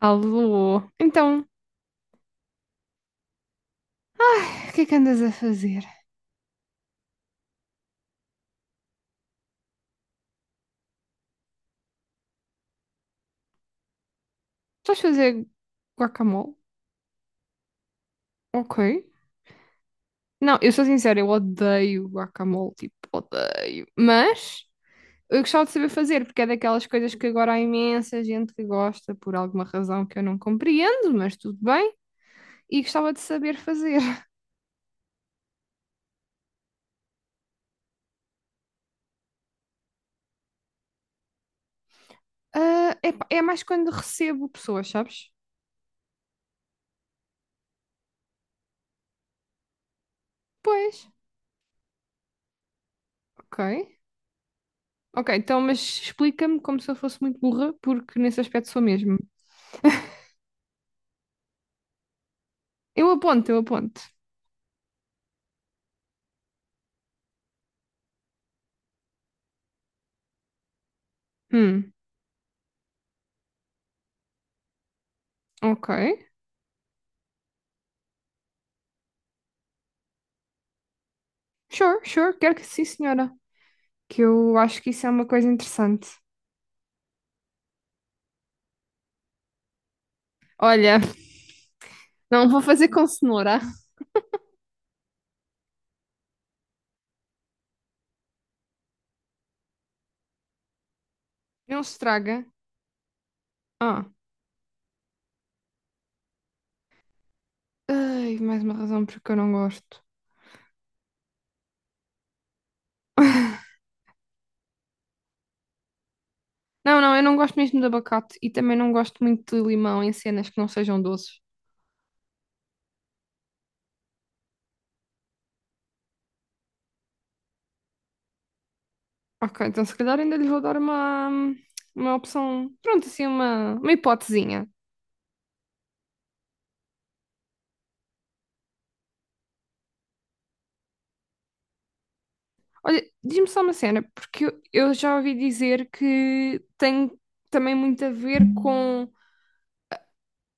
Alô? Então, ai, o que é que andas a fazer? Estás a fazer guacamole? Ok. Não, eu sou sincera, eu odeio guacamole, tipo, odeio. Mas eu gostava de saber fazer, porque é daquelas coisas que agora há imensa gente que gosta por alguma razão que eu não compreendo, mas tudo bem. E gostava de saber fazer. Ah, epá, é mais quando recebo pessoas, sabes? Pois, ok. Ok, então, mas explica-me como se eu fosse muito burra, porque nesse aspecto sou mesmo. Eu aponto, eu aponto. Hum, ok. Sure, sure, quero que sim, senhora. Que eu acho que isso é uma coisa interessante. Olha, não vou fazer com cenoura. Não se estraga. Ah, ai, mais uma razão porque eu não gosto. Não, não, eu não gosto mesmo de abacate e também não gosto muito de limão em cenas que não sejam doces. Ok, então se calhar ainda lhe vou dar uma opção, pronto, assim, uma hipotezinha. Olha, diz-me só uma cena, porque eu já ouvi dizer que tem também muito a ver com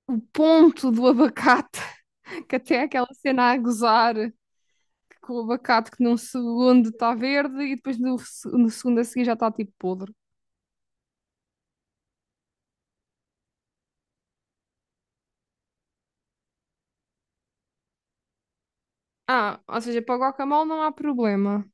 o ponto do abacate, que até é aquela cena a gozar com o abacate que num segundo está verde e depois no segundo a seguir já está tipo podre. Ah, ou seja, para o guacamole não há problema.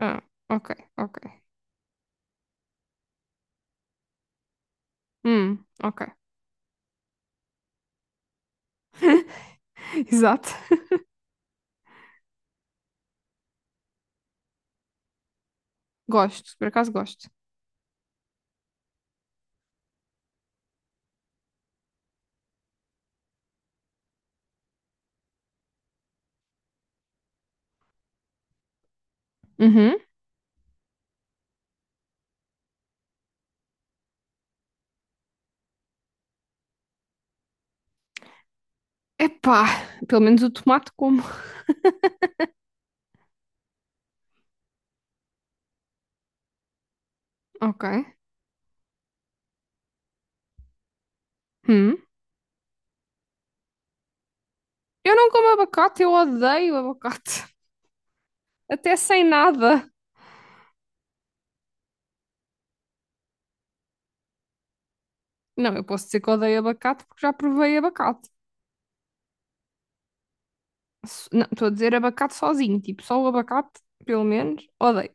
Ah, ok, ok. Ok. Exato. Gosto, por acaso gosto. Uhum. Epá, pelo menos o tomate como. Ok. Hum. Eu não como abacate, eu odeio abacate. Até sem nada. Não, eu posso dizer que odeio abacate porque já provei abacate. Não, estou a dizer abacate sozinho, tipo, só o abacate, pelo menos, odeio.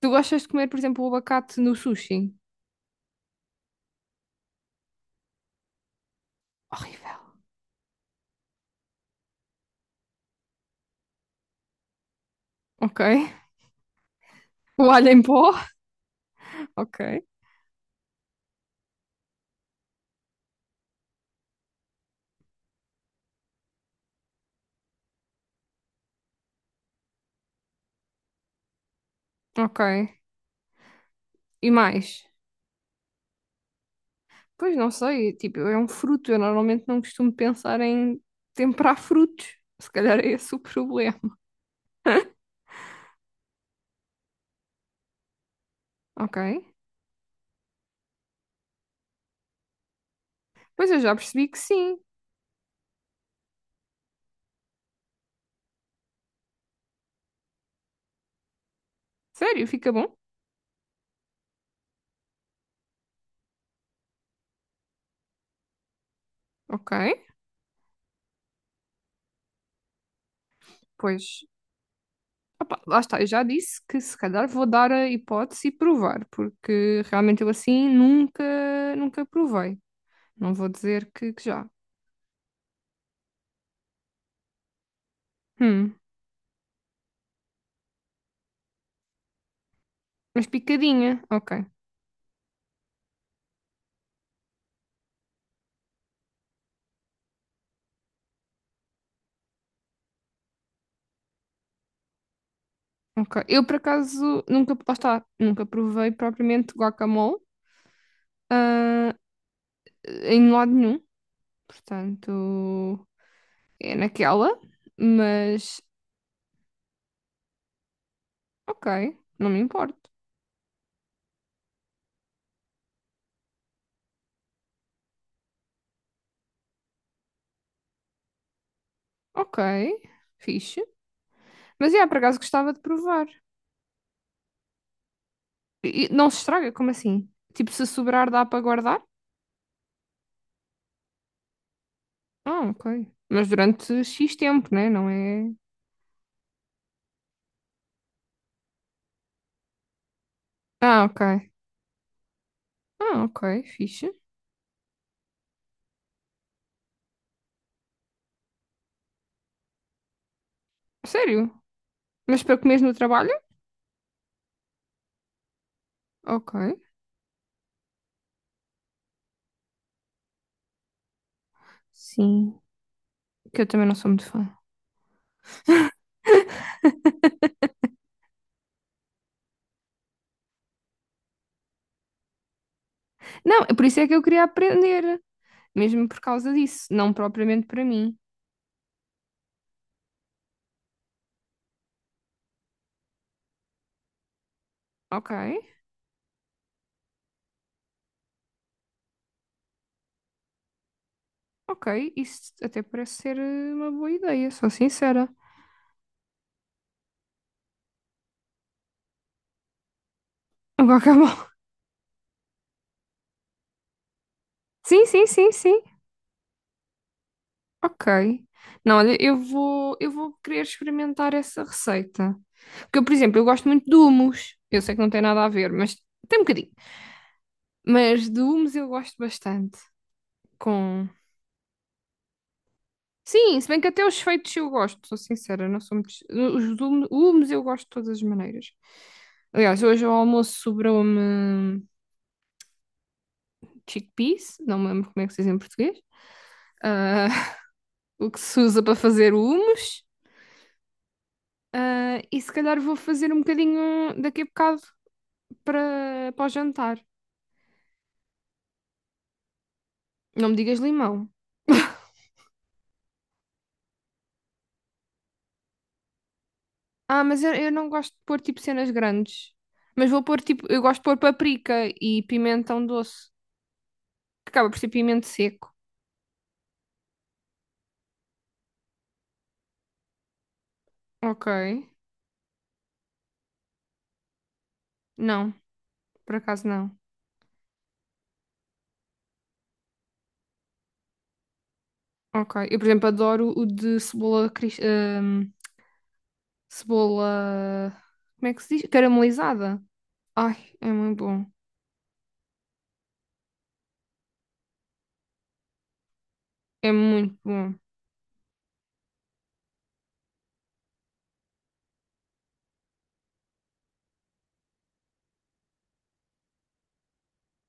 Tu gostas de comer, por exemplo, o abacate no sushi? Horrível. Ok. O alho em pó? Ok. Ok. E mais? Pois não sei, tipo, é um fruto, eu normalmente não costumo pensar em temperar frutos. Se calhar é esse o problema. Ok. Pois eu já percebi que sim. Sério, fica bom? Ok. Pois. Opá, lá está, eu já disse que se calhar vou dar a hipótese e provar, porque realmente eu assim nunca, nunca provei. Não vou dizer que já. Hum, mas picadinha, ok, ok. Eu por acaso nunca, lá está, nunca provei propriamente guacamole, ah, em lado nenhum, portanto é naquela, mas ok, não me importo. Ok, fixe. Mas é, por acaso gostava de provar. E não se estraga, como assim? Tipo, se sobrar dá para guardar? Ah, ok. Mas durante X tempo, né? Não é. Ah, ok. Ah, ok, fixe. Sério? Mas para comer no trabalho? Ok. Sim, que eu também não sou muito fã. Não, é por isso é que eu queria aprender. Mesmo por causa disso, não propriamente para mim. Ok, ok, isso até parece ser uma boa ideia, sou sincera. Um guacamole. Sim, sim, sim, sim. Ok. Não, olha, eu vou querer experimentar essa receita. Porque, eu, por exemplo, eu gosto muito de hummus. Eu sei que não tem nada a ver, mas tem um bocadinho. Mas de hummus eu gosto bastante. Com... Sim, se bem que até os feitos eu gosto, sou sincera, não sou muito... Os hummus eu gosto de todas as maneiras. Aliás, hoje ao almoço sobrou-me chickpeas, não me lembro como é que se diz em português. Ah, o que se usa para fazer o hummus. Ah, e se calhar vou fazer um bocadinho daqui a bocado para o jantar. Não me digas limão. Ah, mas eu não gosto de pôr tipo cenas grandes. Mas vou pôr tipo, eu gosto de pôr paprika e pimentão doce, que acaba por ser pimento seco. Ok. Não, por acaso não. Ok. Eu, por exemplo, adoro o de cebola, cebola, como é que se diz? Caramelizada. Ai, é muito bom. É muito bom.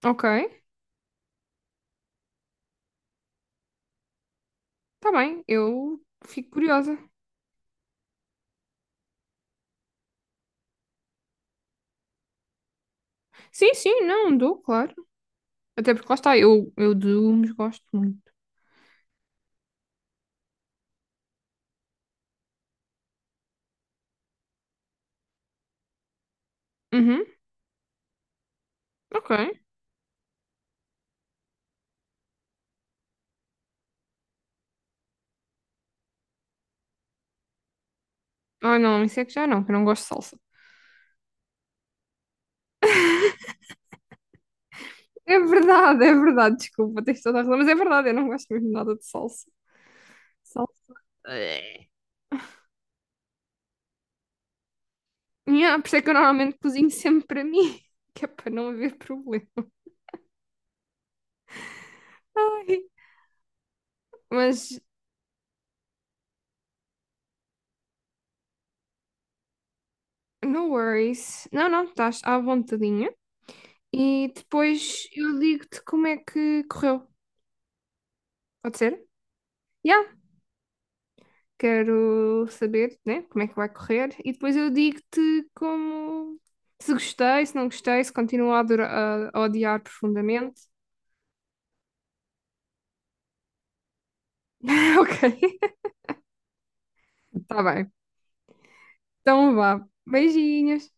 Ok, tá bem. Eu fico curiosa. Sim, sim, não, dou, claro. Até porque lá está, eu de legumes gosto muito. Uhum, ok. Ah, não, isso é que já não, que eu não gosto de salsa. É verdade, desculpa, tens toda a razão, mas é verdade, eu não gosto mesmo nada de salsa. Salsa. eh. Yeah, por isso é que eu normalmente cozinho sempre para mim, que é para não haver problema. Ai, mas no worries. Não, não, estás à vontadinha. E depois eu digo-te como é que correu. Pode ser? Já quero saber, né, como é que vai correr e depois eu digo-te como se gostei, se não gostei, se continuo a odiar profundamente. Ok, tá bem. Então vá. Beijinhos.